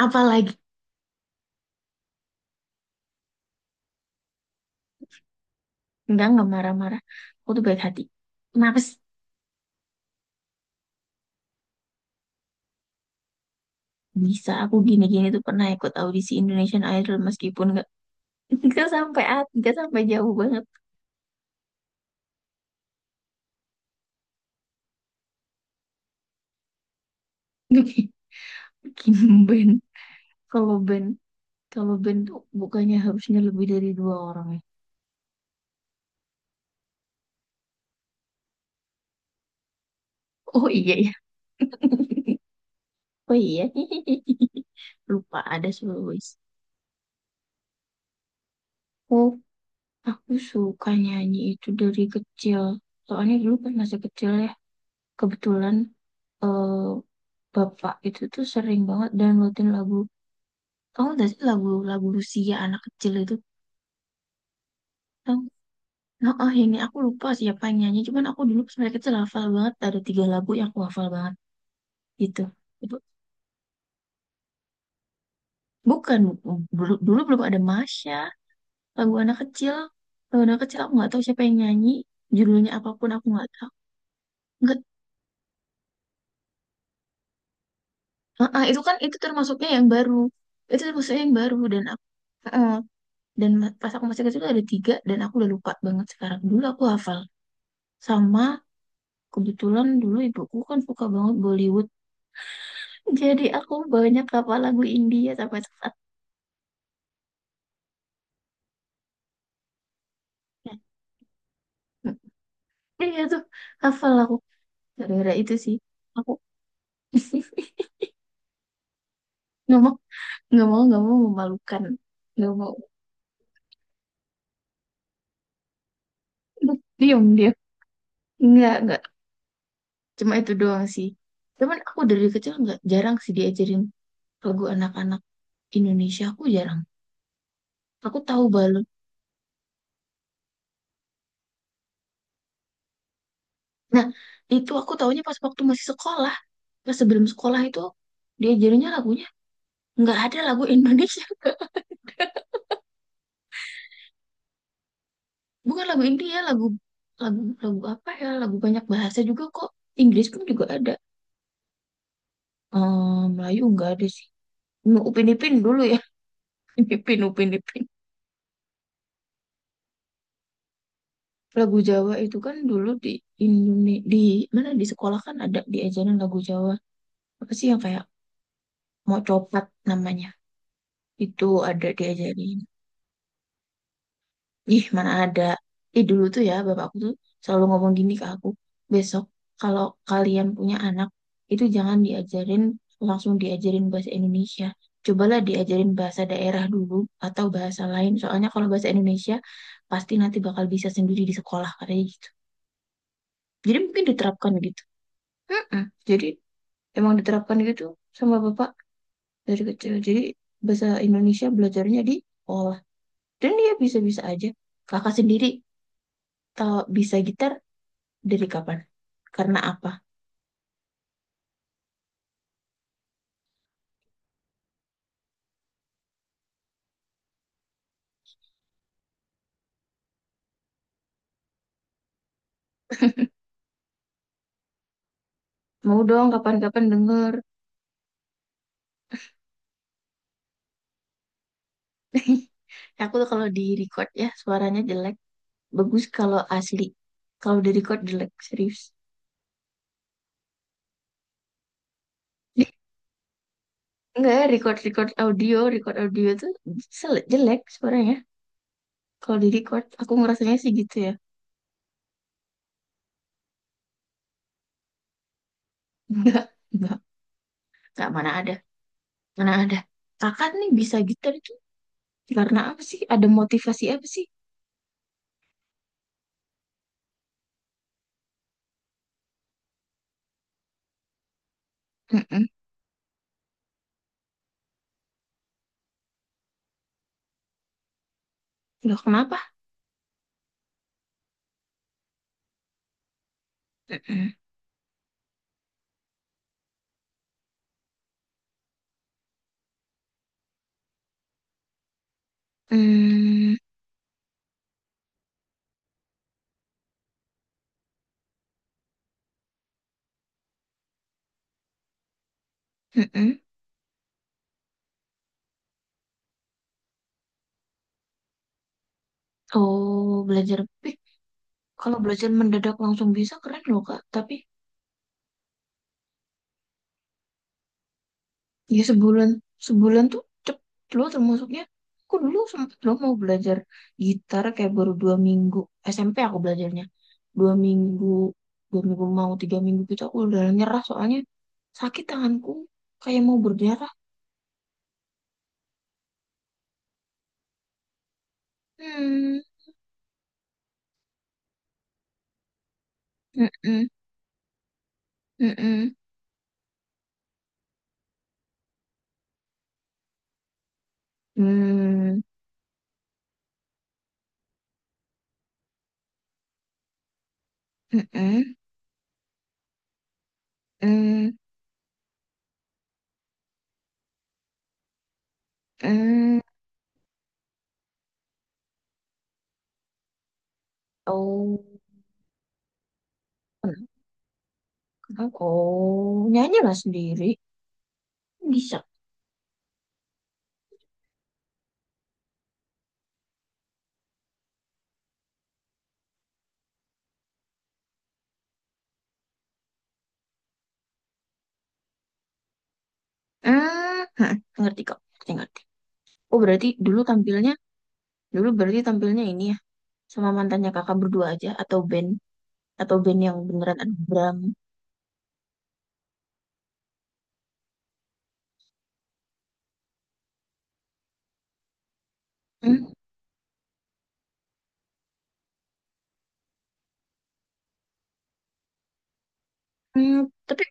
Apalagi, enggak marah-marah. Aku tuh baik hati. Kenapa sih? Bisa. Aku gini-gini tuh pernah ikut audisi Indonesian Idol meskipun enggak, enggak sampai jauh banget. Bikin band. Kalau band kalau band tuh bukannya harusnya lebih dari dua orang, ya? Oh iya ya. Oh iya. Lupa ada Sulawesi. Oh, aku suka nyanyi itu dari kecil. Soalnya dulu pas masih kecil ya, kebetulan, eh bapak itu tuh sering banget downloadin lagu. Tahu nggak sih lagu-lagu Rusia anak kecil itu? Tahu? Nah, ini aku lupa siapa yang nyanyi. Cuman aku dulu pas mereka kecil hafal banget. Ada tiga lagu yang aku hafal banget. Gitu. Itu bukan, dulu belum ada Masya. Lagu anak kecil. Lagu anak kecil aku nggak tahu siapa yang nyanyi. Judulnya apapun aku nggak tahu. Nggak, itu kan itu termasuknya yang baru. Itu termasuknya yang baru dan aku. ah, ah. Dan pas aku masih kecil tuh ada tiga dan aku udah lupa banget sekarang. Dulu aku hafal. Sama, kebetulan dulu ibuku kan suka banget Bollywood. Jadi aku banyak hafal lagu India sampai saat. Iya, iya, tuh hafal aku. Gara-gara itu sih. Aku. Nggak mau, nggak mau, nggak mau memalukan. Nggak mau. Diam dia. Nggak, nggak. Cuma itu doang sih. Cuman aku dari kecil nggak jarang sih diajarin lagu anak-anak Indonesia. Aku jarang. Aku tahu balon. Nah, itu aku taunya pas waktu masih sekolah. Pas sebelum sekolah itu diajarinnya lagunya nggak ada lagu Indonesia, Kak. Bukan lagu India, lagu lagu lagu apa ya, lagu banyak bahasa juga kok. Inggris pun juga ada. Melayu nggak ada sih. Mau Upin Ipin dulu ya? Upin Ipin, Upin Ipin. Lagu Jawa itu kan dulu di Indonesia, di mana di sekolah kan ada diajarin lagu Jawa, apa sih yang kayak mau copat namanya, itu ada diajarin. Ih, mana ada. Ih, dulu tuh ya, bapakku tuh selalu ngomong gini ke aku. Besok, kalau kalian punya anak, itu jangan diajarin, langsung diajarin bahasa Indonesia. Cobalah diajarin bahasa daerah dulu, atau bahasa lain. Soalnya kalau bahasa Indonesia, pasti nanti bakal bisa sendiri di sekolah, katanya gitu. Jadi mungkin diterapkan gitu. Mm-mm. Jadi, emang diterapkan gitu sama bapak dari kecil. Jadi, bahasa Indonesia belajarnya di sekolah. Dan dia bisa-bisa aja. Kakak sendiri, tahu bisa gitar, dari kapan? Karena apa? Mau dong kapan-kapan denger. Aku tuh kalau di record ya suaranya jelek. Bagus kalau asli. Kalau di record jelek, serius. Enggak, record record audio tuh jelek suaranya. Kalau di record, aku ngerasanya sih gitu ya. Enggak, enggak, enggak, mana ada, mana ada. Kakak nih bisa gitar itu karena apa sih? Ada motivasi apa sih? Mm-mm. Loh, kenapa? Mm-mm. Mm. Mm-mm. Oh, belajar. Kalau belajar mendadak langsung bisa keren loh, Kak. Tapi ya sebulan, tuh cepet loh termasuknya. Aku dulu sempet loh mau belajar gitar kayak baru 2 minggu, SMP aku belajarnya. Dua minggu, mau 3 minggu gitu aku udah nyerah, soalnya sakit tanganku kayak mau berdarah. Hmm. Mm-mm. Mm-mm. Mm. Mm-mm. Mm. Mm. Oh, kenapa? Kenapa? Oh, nyanyi lah sendiri. Bisa. hmm hah, Ngerti kok, ngerti ngerti. Oh, berarti dulu tampilnya, dulu berarti tampilnya ini ya, sama mantannya kakak berdua aja, atau band yang beneran ada drum. Hmm. Hmm. Tapi.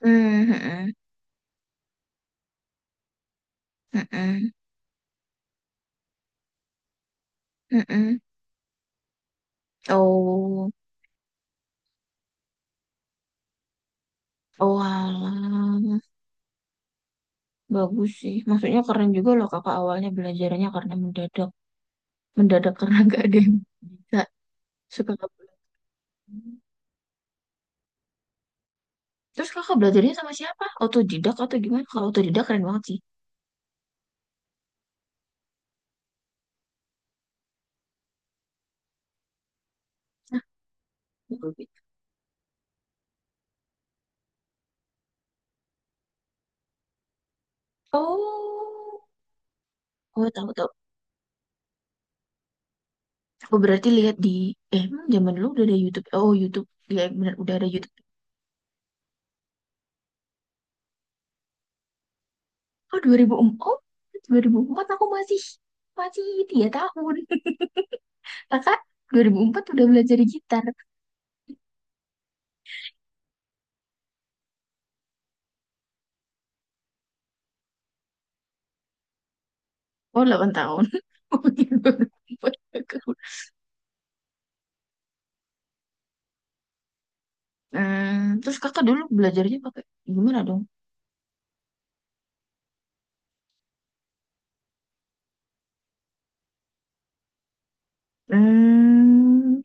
Hmm. Hmm. Hmm. Hmm. Hmm. Hmm. Oh. Oh alah, bagus sih. Maksudnya keren juga loh, kakak awalnya belajarnya karena mendadak, mendadak karena gak ada yang bisa, suka nggak boleh. Terus kakak belajarnya sama siapa? Autodidak atau gimana? Kalau autodidak keren banget sih. Nah. Oh, oh tahu tahu. Aku berarti lihat di, emang zaman dulu udah ada YouTube. Oh, YouTube. Iya, benar udah ada YouTube. Oh, 2004. Oh, 2004 aku masih, 3 tahun. Kakak 2004 udah belajar gitar. Oh, 8 tahun. Oh, 2004 aku. Hmm, terus kakak dulu belajarnya pakai gimana dong? Hmm.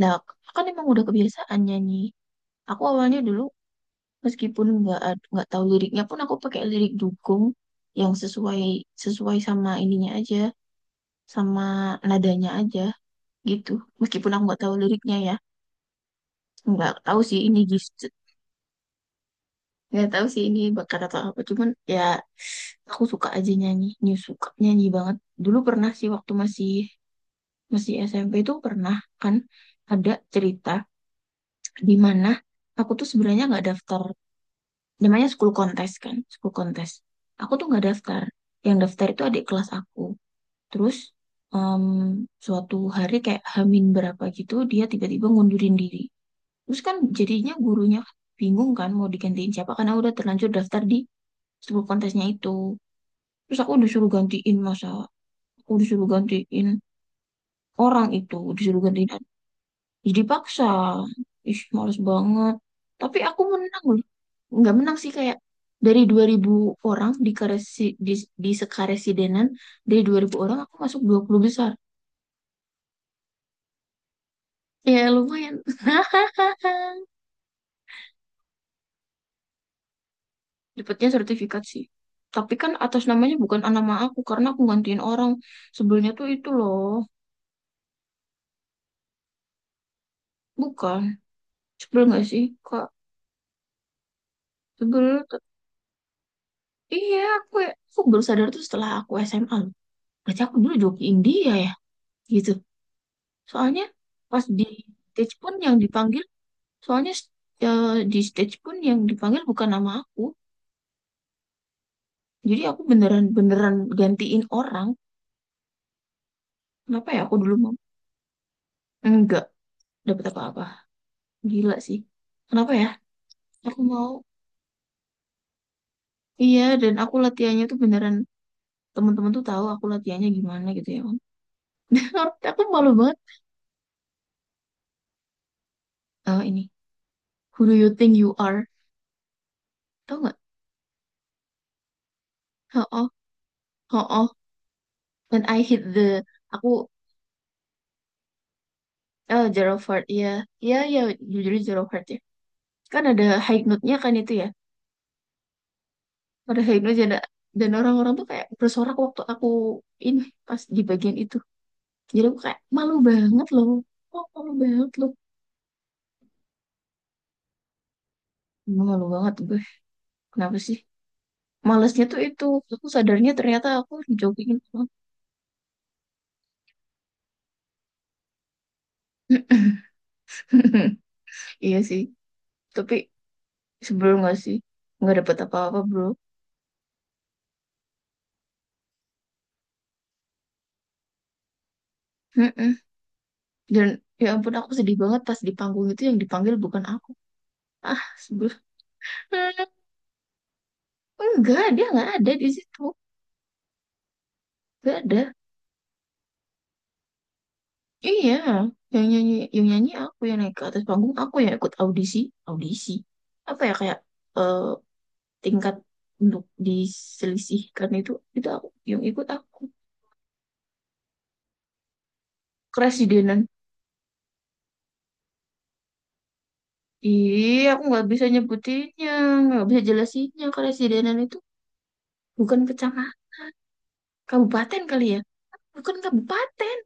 Nah, kakak kan emang udah kebiasaan nyanyi. Aku awalnya dulu, meskipun nggak tahu liriknya pun aku pakai lirik dukung yang sesuai, sesuai sama ininya aja, sama nadanya aja, gitu. Meskipun aku nggak tahu liriknya ya, nggak tahu sih ini gitu, nggak tahu sih ini bakal atau apa, cuman ya aku suka aja nyanyi, suka nyanyi banget. Dulu pernah sih waktu masih, SMP itu pernah. Kan ada cerita di mana aku tuh sebenarnya nggak daftar, namanya school kontes kan, school kontes, aku tuh nggak daftar. Yang daftar itu adik kelas aku, terus, em, suatu hari kayak hamin berapa gitu dia tiba-tiba ngundurin diri. Terus kan jadinya gurunya bingung kan mau digantiin siapa, karena udah terlanjur daftar di school kontesnya itu. Terus aku disuruh gantiin, masa aku disuruh gantiin orang, itu disuruh gantiin. Jadi paksa. Ih, males banget. Tapi aku menang loh. Nggak menang sih kayak, dari 2000 orang di di, sekaresidenan, dari 2000 orang aku masuk 20 besar. Ya lumayan. Dapatnya sertifikat sih. Tapi kan atas namanya bukan nama aku, karena aku gantiin orang. Sebelumnya tuh itu loh. Bukan. Sebel nggak sih, Kak? Sebel, Kak. Iya, aku baru sadar tuh setelah aku SMA loh. Berarti aku dulu joki India ya? Gitu. Soalnya pas di stage pun yang dipanggil, soalnya, di stage pun yang dipanggil bukan nama aku. Jadi aku beneran, beneran gantiin orang. Kenapa ya aku dulu mau? Enggak dapat apa-apa. Gila sih. Kenapa ya? Aku mau. Iya, dan aku latihannya tuh beneran, teman-teman tuh tahu aku latihannya gimana gitu ya, Om. Aku malu banget. Oh, ini. Who do you think you are? Tahu nggak? Oh, oh, oh. When I hit the, aku. Oh, Zero Heart, iya. Iya, iya, jujur Zero Heart ya. Kan ada high note-nya kan itu ya, ada high note, ada. Dan orang-orang tuh kayak bersorak waktu aku ini pas di bagian itu, jadi aku kayak malu banget loh. Oh, malu banget loh. Emang malu banget gue, kenapa sih, malesnya tuh itu aku sadarnya ternyata aku dijogingin orang. Iya sih, tapi sebelum, nggak sih, nggak dapet apa-apa, bro. Mm-mm. Dan ya ampun, aku sedih banget pas di panggung itu yang dipanggil bukan aku. Ah, sebelum. Enggak, dia nggak ada di situ, nggak ada. Iya, yang nyanyi aku, yang naik ke atas panggung aku, yang ikut audisi, audisi apa ya, kayak, eh, tingkat untuk diselisihkan itu aku yang ikut aku. Keresidenan. Iya, aku nggak bisa nyebutinnya, nggak bisa jelasinnya. Keresidenan itu bukan kecamatan, kabupaten kali ya, bukan kabupaten,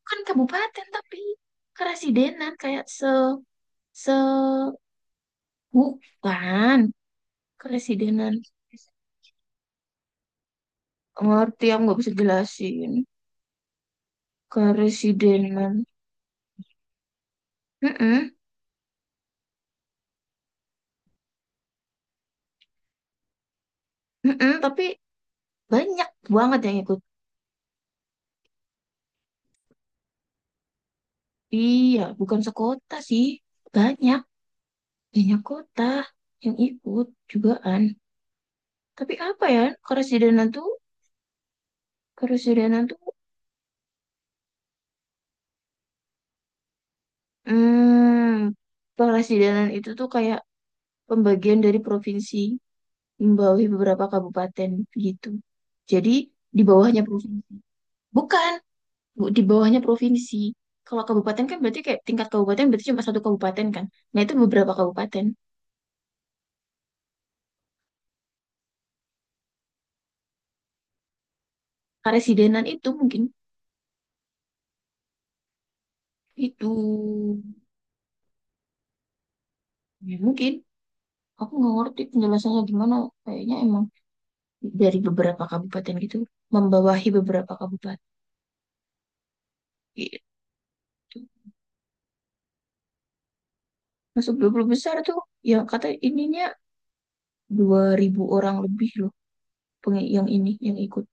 bukan kabupaten tapi keresidenan, kayak se se bukan keresidenan. Ngerti, aku nggak bisa jelasin keresidenan. Mm-mm. Mm-mm. Tapi banyak banget yang ikut. Iya bukan sekota sih, banyak, banyak kota yang ikut jugaan. Tapi apa ya, keresidenan tuh, keresidenan tuh hmm keresidenan itu tuh kayak pembagian dari provinsi, membawahi beberapa kabupaten, gitu jadi di bawahnya provinsi. Bukan Bu, di bawahnya provinsi. Kalau kabupaten kan berarti kayak tingkat kabupaten, berarti cuma satu kabupaten kan. Nah, itu beberapa kabupaten. Karesidenan itu mungkin itu, ya mungkin aku nggak ngerti penjelasannya gimana. Kayaknya emang dari beberapa kabupaten gitu membawahi beberapa kabupaten gitu. Masuk 20 besar tuh yang kata ininya 2.000 orang lebih loh, yang ini yang ikut.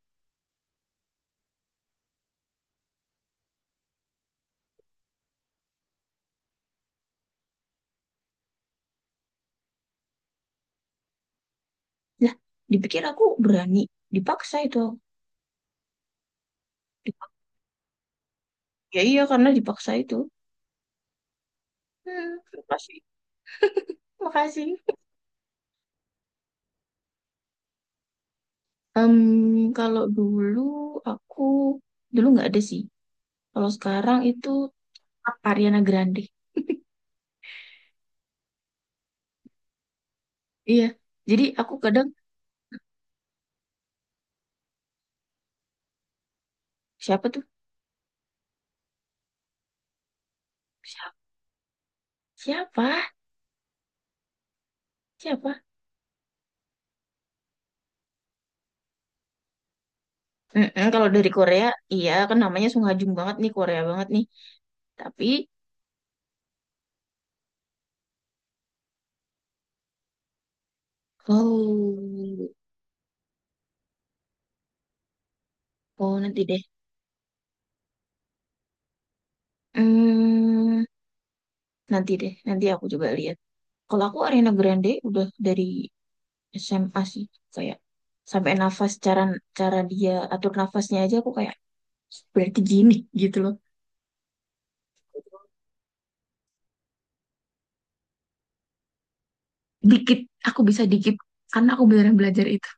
Lah, dipikir aku berani, dipaksa itu. Dipak- Ya iya karena dipaksa itu. Hmm, pasti. Makasih. Em, kalau dulu aku, dulu nggak ada sih. Kalau sekarang itu tetap Ariana Grande. Iya. Jadi aku kadang, siapa tuh? Siapa? Siapa? Siapa? Mm-mm, kalau dari Korea, iya kan namanya Sung Ha Jung banget nih, Korea banget nih. Tapi oh, oh nanti deh. Hmm, nanti deh. Nanti aku coba lihat. Kalau aku Ariana Grande udah dari SMA sih, kayak sampai nafas, cara, cara dia atur nafasnya aja aku kayak, berarti gini gitu loh. Dikit, aku bisa dikit, karena aku beneran belajar itu,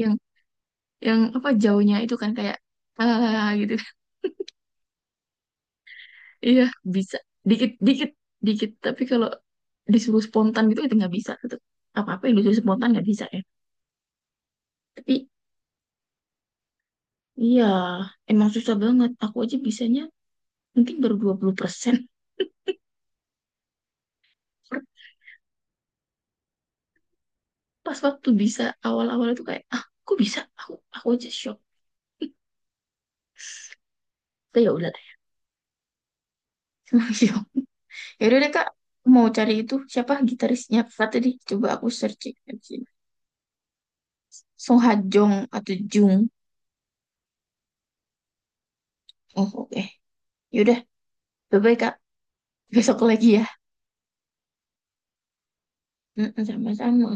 yang yang apa jauhnya itu kan kayak, ah gitu. Iya. Bisa dikit dikit dikit, tapi kalau disuruh spontan gitu itu nggak bisa gitu. Apa apa yang disuruh spontan nggak bisa ya. Tapi iya emang susah banget, aku aja bisanya mungkin baru 20%. Pas waktu bisa awal-awal itu kayak, ah kok bisa aku aja shock. Tapi ya udah deh. Shock. Yaudah deh Kak, mau cari itu siapa gitarisnya Kak tadi? Coba aku searching aja. Song Ha Jong atau Jung. Oh oke. Yaudah, bye-bye Kak. Besok lagi ya. Mm-mm. Sama-sama.